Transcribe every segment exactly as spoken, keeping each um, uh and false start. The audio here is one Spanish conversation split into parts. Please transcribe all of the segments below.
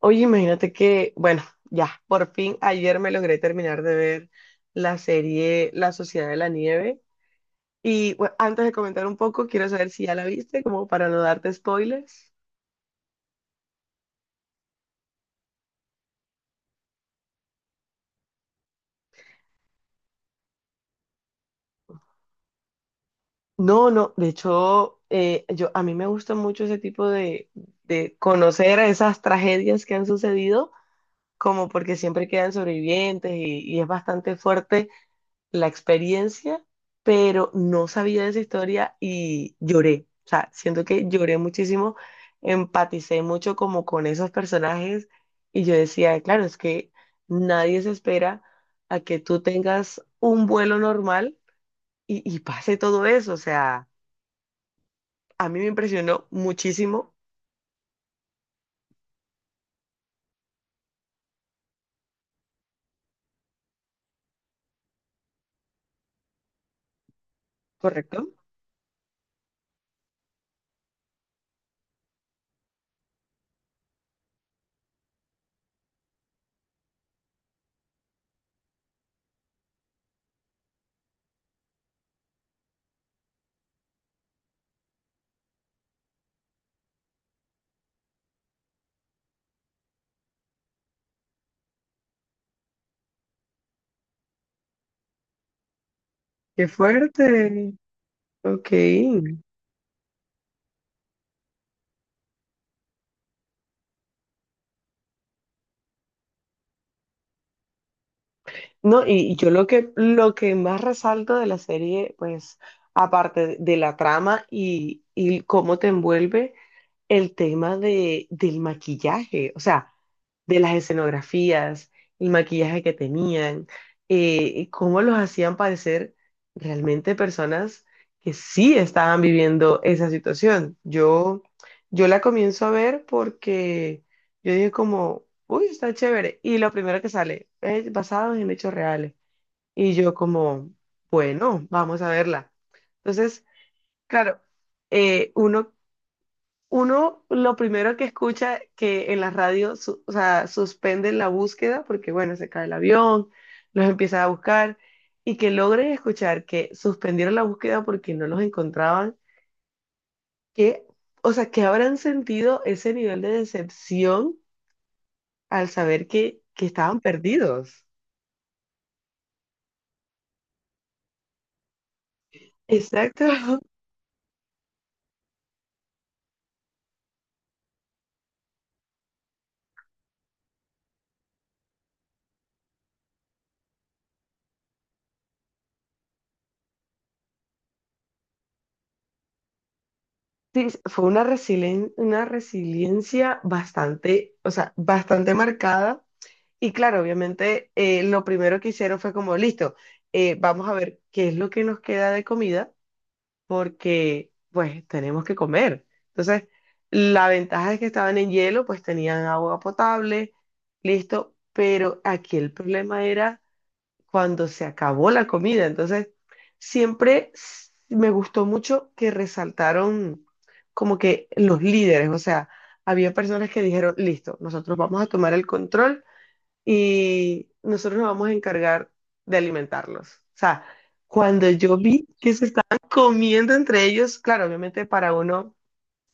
Oye, imagínate que, bueno, ya, por fin ayer me logré terminar de ver la serie La Sociedad de la Nieve. Y bueno, antes de comentar un poco, quiero saber si ya la viste, como para no darte spoilers. No, no, de hecho, eh, yo, a mí me gusta mucho ese tipo de, de conocer esas tragedias que han sucedido, como porque siempre quedan sobrevivientes y, y es bastante fuerte la experiencia, pero no sabía de esa historia y lloré. O sea, siento que lloré muchísimo, empaticé mucho como con esos personajes y yo decía, claro, es que nadie se espera a que tú tengas un vuelo normal y, y pase todo eso. O sea, a mí me impresionó muchísimo, ¿correcto? Qué fuerte. Ok. No, y y yo lo que, lo que más resalto de la serie, pues, aparte de de la trama y, y cómo te envuelve, el tema de, del maquillaje, o sea, de las escenografías, el maquillaje que tenían, eh, y cómo los hacían parecer realmente personas que sí estaban viviendo esa situación. Yo, yo la comienzo a ver porque yo dije como, uy, está chévere. Y lo primero que sale es basado en hechos reales. Y yo como, bueno, vamos a verla. Entonces, claro, eh, uno, uno lo primero que escucha que en la radio, su- o sea, suspenden la búsqueda porque, bueno, se cae el avión, los empiezan a buscar y que logren escuchar que suspendieron la búsqueda porque no los encontraban, que, o sea, que habrán sentido ese nivel de decepción al saber que, que estaban perdidos. Exacto. Sí, fue una resilien- una resiliencia bastante, o sea, bastante marcada. Y claro, obviamente, eh, lo primero que hicieron fue como, listo, eh, vamos a ver qué es lo que nos queda de comida, porque pues tenemos que comer. Entonces, la ventaja es que estaban en hielo, pues tenían agua potable, listo. Pero aquí el problema era cuando se acabó la comida. Entonces, siempre s- me gustó mucho que resaltaron como que los líderes, o sea, había personas que dijeron, listo, nosotros vamos a tomar el control y nosotros nos vamos a encargar de alimentarlos. O sea, cuando yo vi que se estaban comiendo entre ellos, claro, obviamente para uno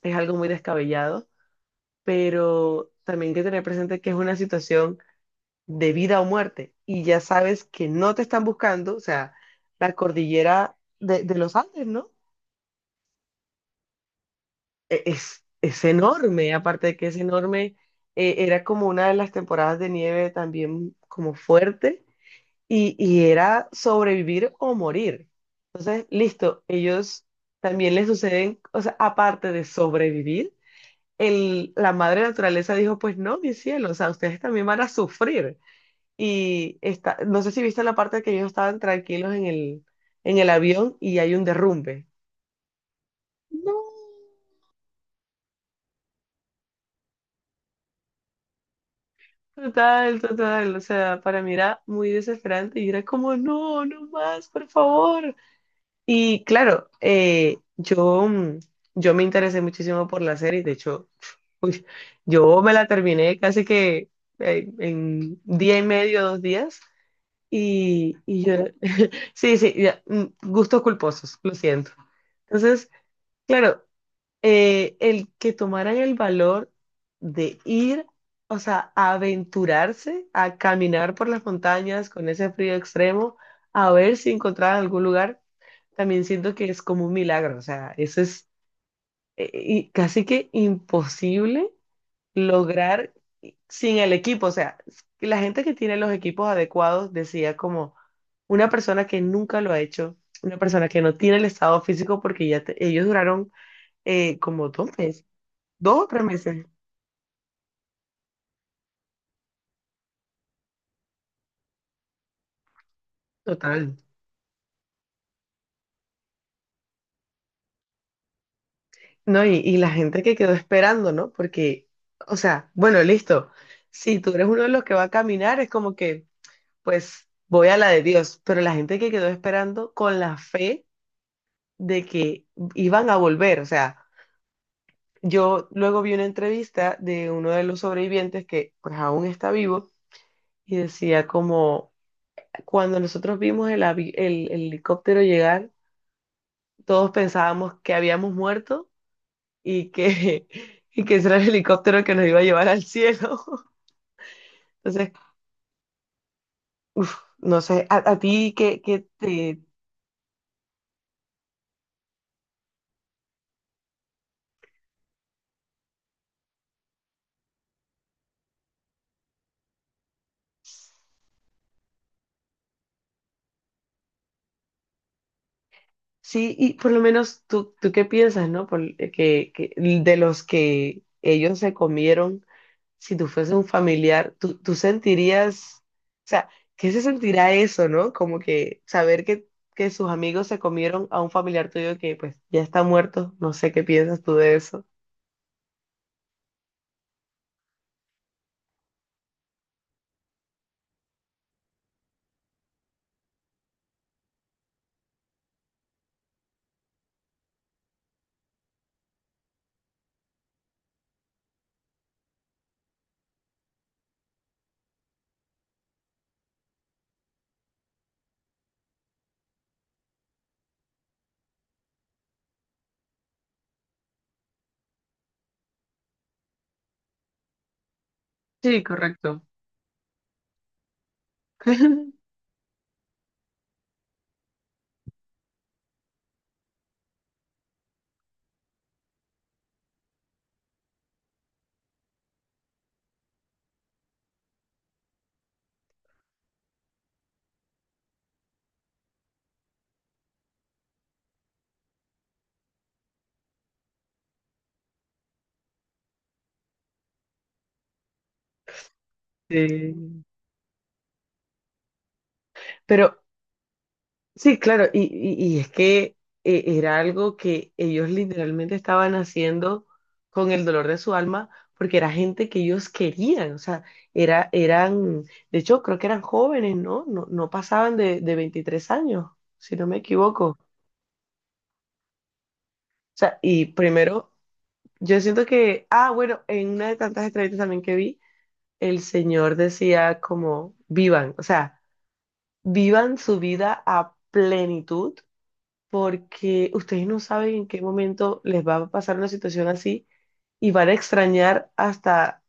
es algo muy descabellado, pero también hay que tener presente que es una situación de vida o muerte, y ya sabes que no te están buscando, o sea, la cordillera de, de los Andes, ¿no? E- Es, es enorme, aparte de que es enorme, eh, era como una de las temporadas de nieve también como fuerte, y, y era sobrevivir o morir. Entonces, listo, ellos también les suceden, o sea, aparte de sobrevivir, el, la madre naturaleza dijo, pues no, mi cielo, o sea, ustedes también van a sufrir. y está, no sé si viste la parte que ellos estaban tranquilos en el, en el avión y hay un derrumbe. No. Total, total, o sea, para mí era muy desesperante y era como, no, no más, por favor. Y claro, eh, yo, mm, yo me interesé muchísimo por la serie, de hecho, uy, yo me la terminé casi que eh, en día y medio, dos días, y, y yo, sí, sí, ya, mm, gustos culposos, lo siento. Entonces, claro. eh, el que tomaran el valor de ir, o sea, a aventurarse a caminar por las montañas con ese frío extremo, a ver si encontraban algún lugar, también siento que es como un milagro, o sea, eso es eh, y casi que imposible lograr sin el equipo, o sea, la gente que tiene los equipos adecuados decía como una persona que nunca lo ha hecho, una persona que no tiene el estado físico porque ya te- ellos duraron eh, como dos meses. Dos o tres meses, total. No, y, y la gente que quedó esperando, ¿no? Porque, o sea, bueno, listo. Si tú eres uno de los que va a caminar, es como que, pues, voy a la de Dios. Pero la gente que quedó esperando con la fe de que iban a volver. O sea, yo luego vi una entrevista de uno de los sobrevivientes que, pues, aún está vivo y decía como, cuando nosotros vimos el, avi- el el helicóptero llegar, todos pensábamos que habíamos muerto y que, y que ese era el helicóptero que nos iba a llevar al cielo. Entonces, no sé, a, a ti que, que te... Sí, y por lo menos tú, tú qué piensas, ¿no? Por- eh, que, que de los que ellos se comieron, si tú fuese un familiar, tú, tú sentirías, o sea, ¿qué se sentirá eso, ¿no? Como que saber que, que sus amigos se comieron a un familiar tuyo que pues ya está muerto, no sé qué piensas tú de eso. Sí, correcto. Sí. Pero Sí, claro, y, y- y es que eh, era algo que ellos literalmente estaban haciendo con el dolor de su alma, porque era gente que ellos querían, o sea, era, eran, de hecho, creo que eran jóvenes, ¿no? No, no pasaban de, de veintitrés años, si no me equivoco. O sea, y primero, yo siento que, ah, bueno, en una de tantas entrevistas también que vi, el señor decía como, vivan, o sea, vivan su vida a plenitud porque ustedes no saben en qué momento les va a pasar una situación así y van a extrañar hasta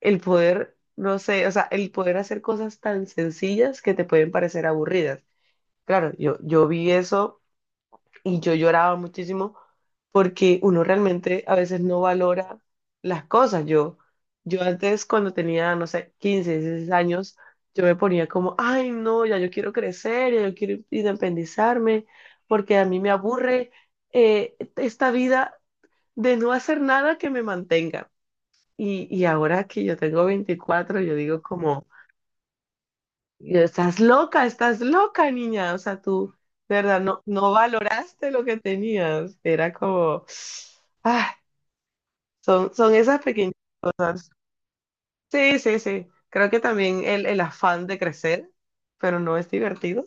el poder, no sé, o sea, el poder hacer cosas tan sencillas que te pueden parecer aburridas. Claro, yo, yo vi eso y yo lloraba muchísimo porque uno realmente a veces no valora las cosas. Yo, yo antes cuando tenía, no sé, quince dieciséis años, yo me ponía como, ay, no, ya yo quiero crecer, ya yo quiero independizarme, porque a mí me aburre eh, esta vida de no hacer nada que me mantenga. Y, y ahora que yo tengo veinticuatro yo digo como... Y yo, estás loca, estás loca, niña. O sea, tú, de verdad, no, no valoraste lo que tenías. Era como, ah, son, son esas pequeñas cosas. Sí, sí, sí. Creo que también el, el afán de crecer, pero no es divertido.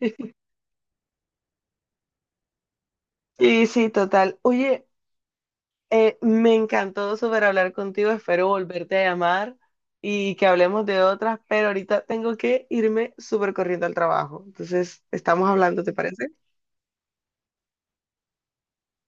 Y sí, total. Oye, eh, me encantó súper hablar contigo. Espero volverte a llamar y que hablemos de otras, pero ahorita tengo que irme súper corriendo al trabajo. Entonces, estamos hablando, ¿te parece?